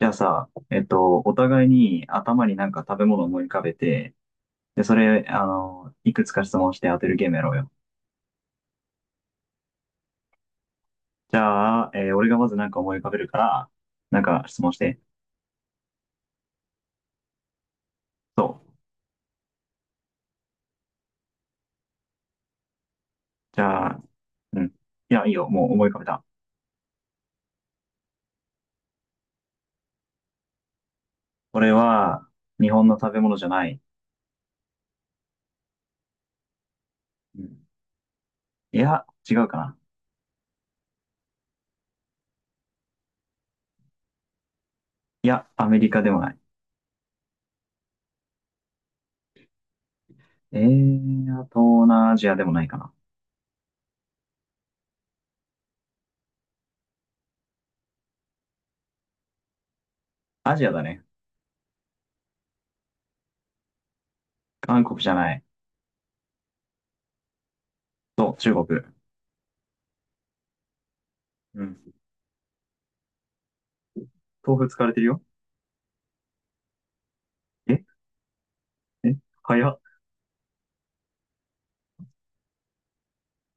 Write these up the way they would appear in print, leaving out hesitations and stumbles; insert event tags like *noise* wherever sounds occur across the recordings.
じゃあさ、お互いに頭になんか食べ物を思い浮かべて、で、それ、いくつか質問して当てるゲームやろうよ。じゃあ、俺がまずなんか思い浮かべるから、なんか質問して。そう。じゃあ、うん。いや、いいよ。もう思い浮かべた。俺は、日本の食べ物じゃない。うん。いや、違うかな。いや、アメリカでもない。あと、東南アジアでもないかな。アジアだね。韓国じゃない。そう、中国。うん。豆腐使われてるよ。ええ、早っ。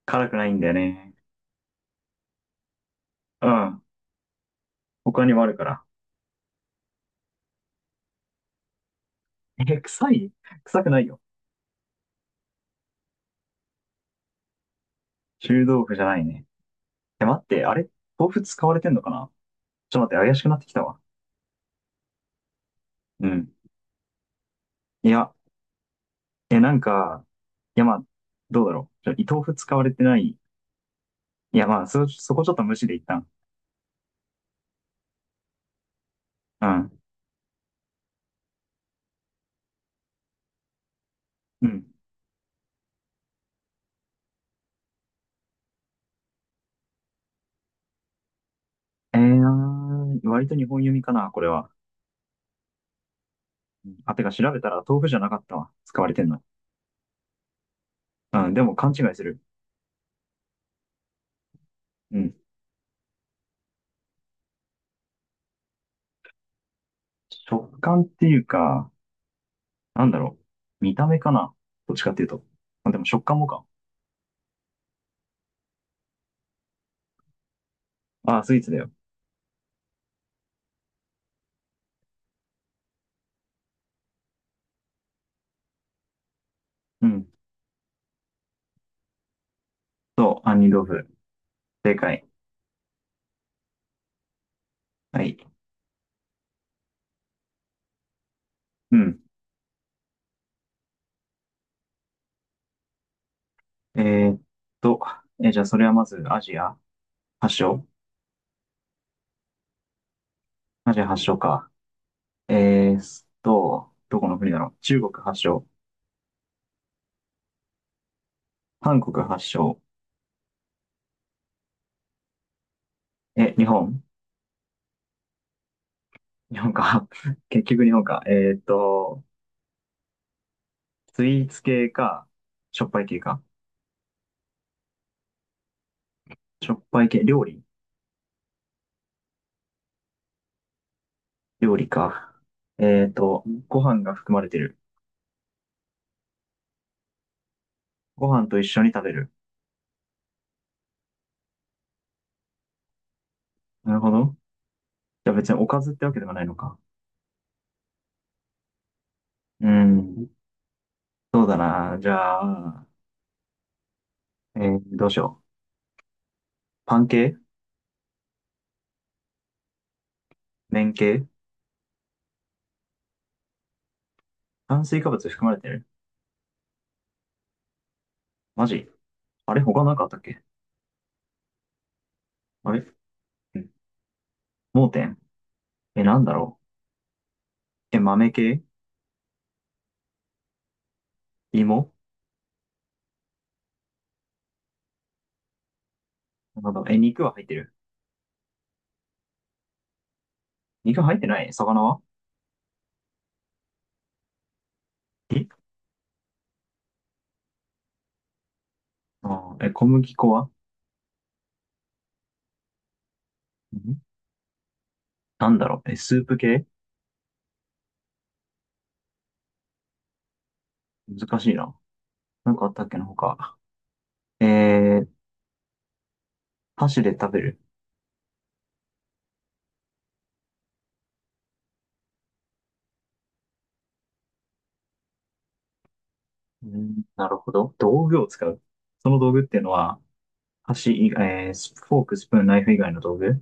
辛くないんだよね。うん。他にもあるから。え、臭い？臭くないよ。臭豆腐じゃないね。え、待って、あれ豆腐使われてんのかな。ちょっと待って、怪しくなってきたわ。うん。いや、え、なんか、いや、まあ、どうだろう。豆腐使われてない。いや、まあ、そこちょっと無視で一旦。うん。うん。え割と日本読みかな、これは。うん。あ、てか調べたら豆腐じゃなかったわ。使われてんの。うん、でも勘違いする。うん。食感っていうか、なんだろう。見た目かな。どっちかっていうと。まあ、でも食感もか。ああ、スイーツだよ。うん。そう、杏仁豆腐。正解。はい。うん。えーっと、え、じゃあそれはまずアジア発祥？アジア発祥か。どこの国だろう。中国発祥？韓国発祥？え、日本？ *laughs* 日本か。*laughs* 結局日本か。スイーツ系か、しょっぱい系か。しょっぱい系、料理？料理か。ご飯が含まれてる？ご飯と一緒に食べる？なるほど。じゃあ別におかずってわけではないのか。うん。そうだな。じゃあ、どうしよう。パン系？麺系？炭水化物含まれてる？マジ？あれ他なんかあったっけ？あれ？うん。盲点？え、なんだろう。え、豆系？芋？なんだろう。え、肉は入ってる？肉入ってない。魚は？え。あー、え、小麦粉は？ん。なんだろう。え、スープ系？難しいな。なんかあったっけな他。えー、箸で食べる？うん。なるほど。道具を使う。その道具っていうのは、箸以外、スフォーク、スプーン、ナイフ以外の道具？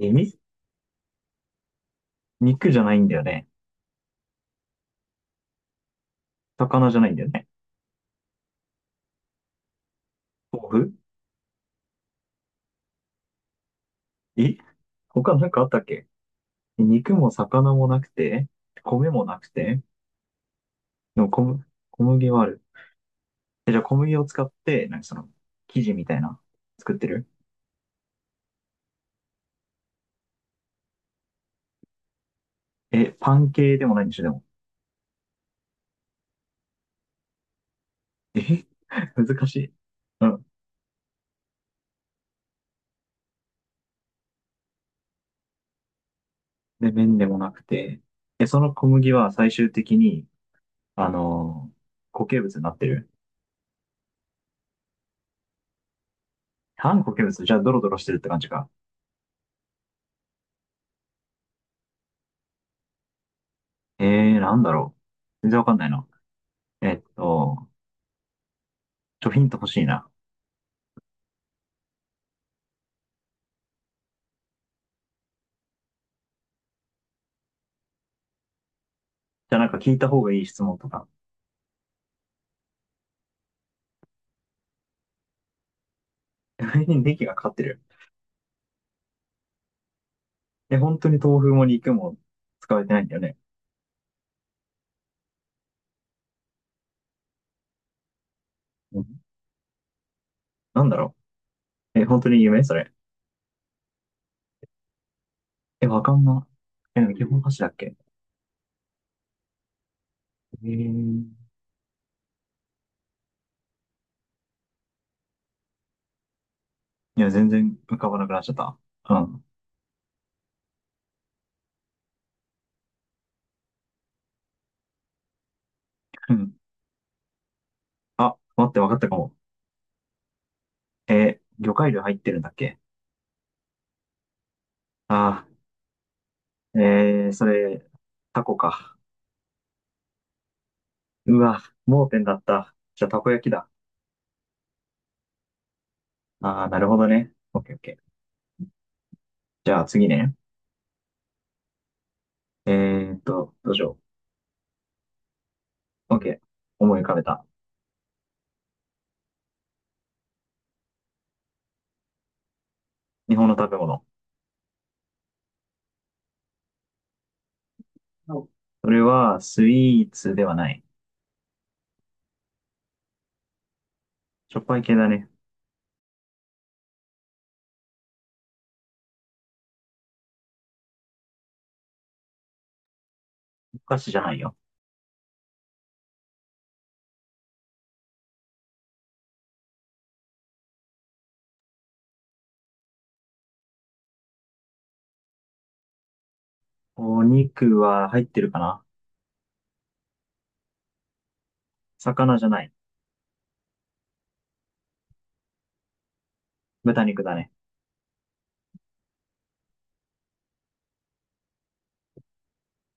え、み。肉じゃないんだよね。魚じゃないんだよね。豆腐？え、他なんかあったっけ？肉も魚もなくて、米もなくて、でも小麦はある。え、じゃあ小麦を使って、なんかその、生地みたいな、作ってる？え、パン系でもないんでしょ、でも。え。 *laughs* 難しい。うん。で、麺でもなくて。え、その小麦は最終的に、あのー固形物になってる。反固形物？じゃあドロドロしてるって感じか。えなんだろう。全然わかんないな。えっと、ヒント欲しいな。じゃあなんか聞いた方がいい質問とか。*laughs* ネギがかかってる。え、本当に豆腐も肉も使われてないんだよね。うん。なんだろう。え、本当に夢それ？え、わかんな。え、でも基本箸だっけ？えー、いや、全然浮かばなくなっちゃった。うん。うん。あ、待って、わかったかも。魚介類入ってるんだっけ？あー、それ、タコか。うわ、盲点だった。じゃあ、たこ焼きだ。あー、なるほどね。オッケーオッケー。じゃあ、次ね。えどうしよう。OK。思い浮かべた。日本の食べ物。お。それは、スイーツではない。しょっぱい系だね。お菓子じゃないよ。お肉は入ってるかな。魚じゃない。豚肉だね。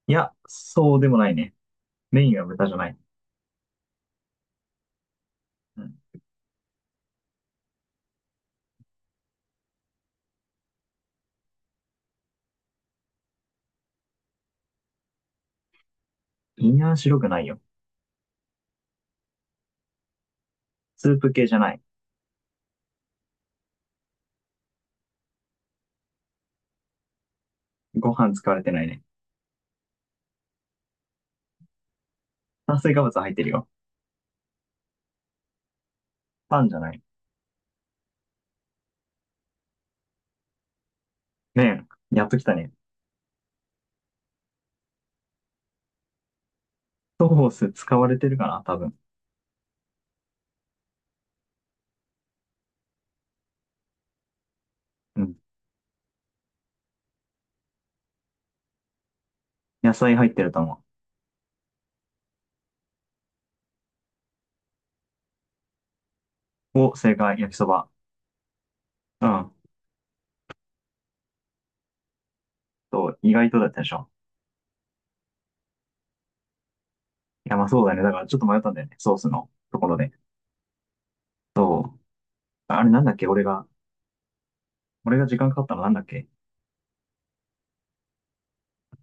いや、そうでもないね。メインは豚じゃない。うん。胃には白くないよ。スープ系じゃない。ご飯使われてないね。炭水化物入ってるよ。パンじゃない。麺。やっときたね。ソース使われてるかな多分。うん。野菜入ってると思う。お、正解。焼きそば。うん。と、意外とだったでしょ。いや、まあそうだね。だからちょっと迷ったんだよね。ソースのところで。そう。あれなんだっけ。俺が時間かかったのなんだっけ？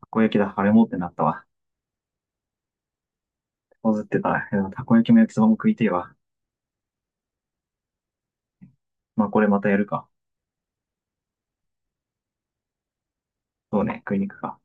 たこ焼きだ。あれもってなったわ。こずってたら、いや、たこ焼きも焼きそばも食いてえわ。まあこれまたやるか。そうね。食いに行くか。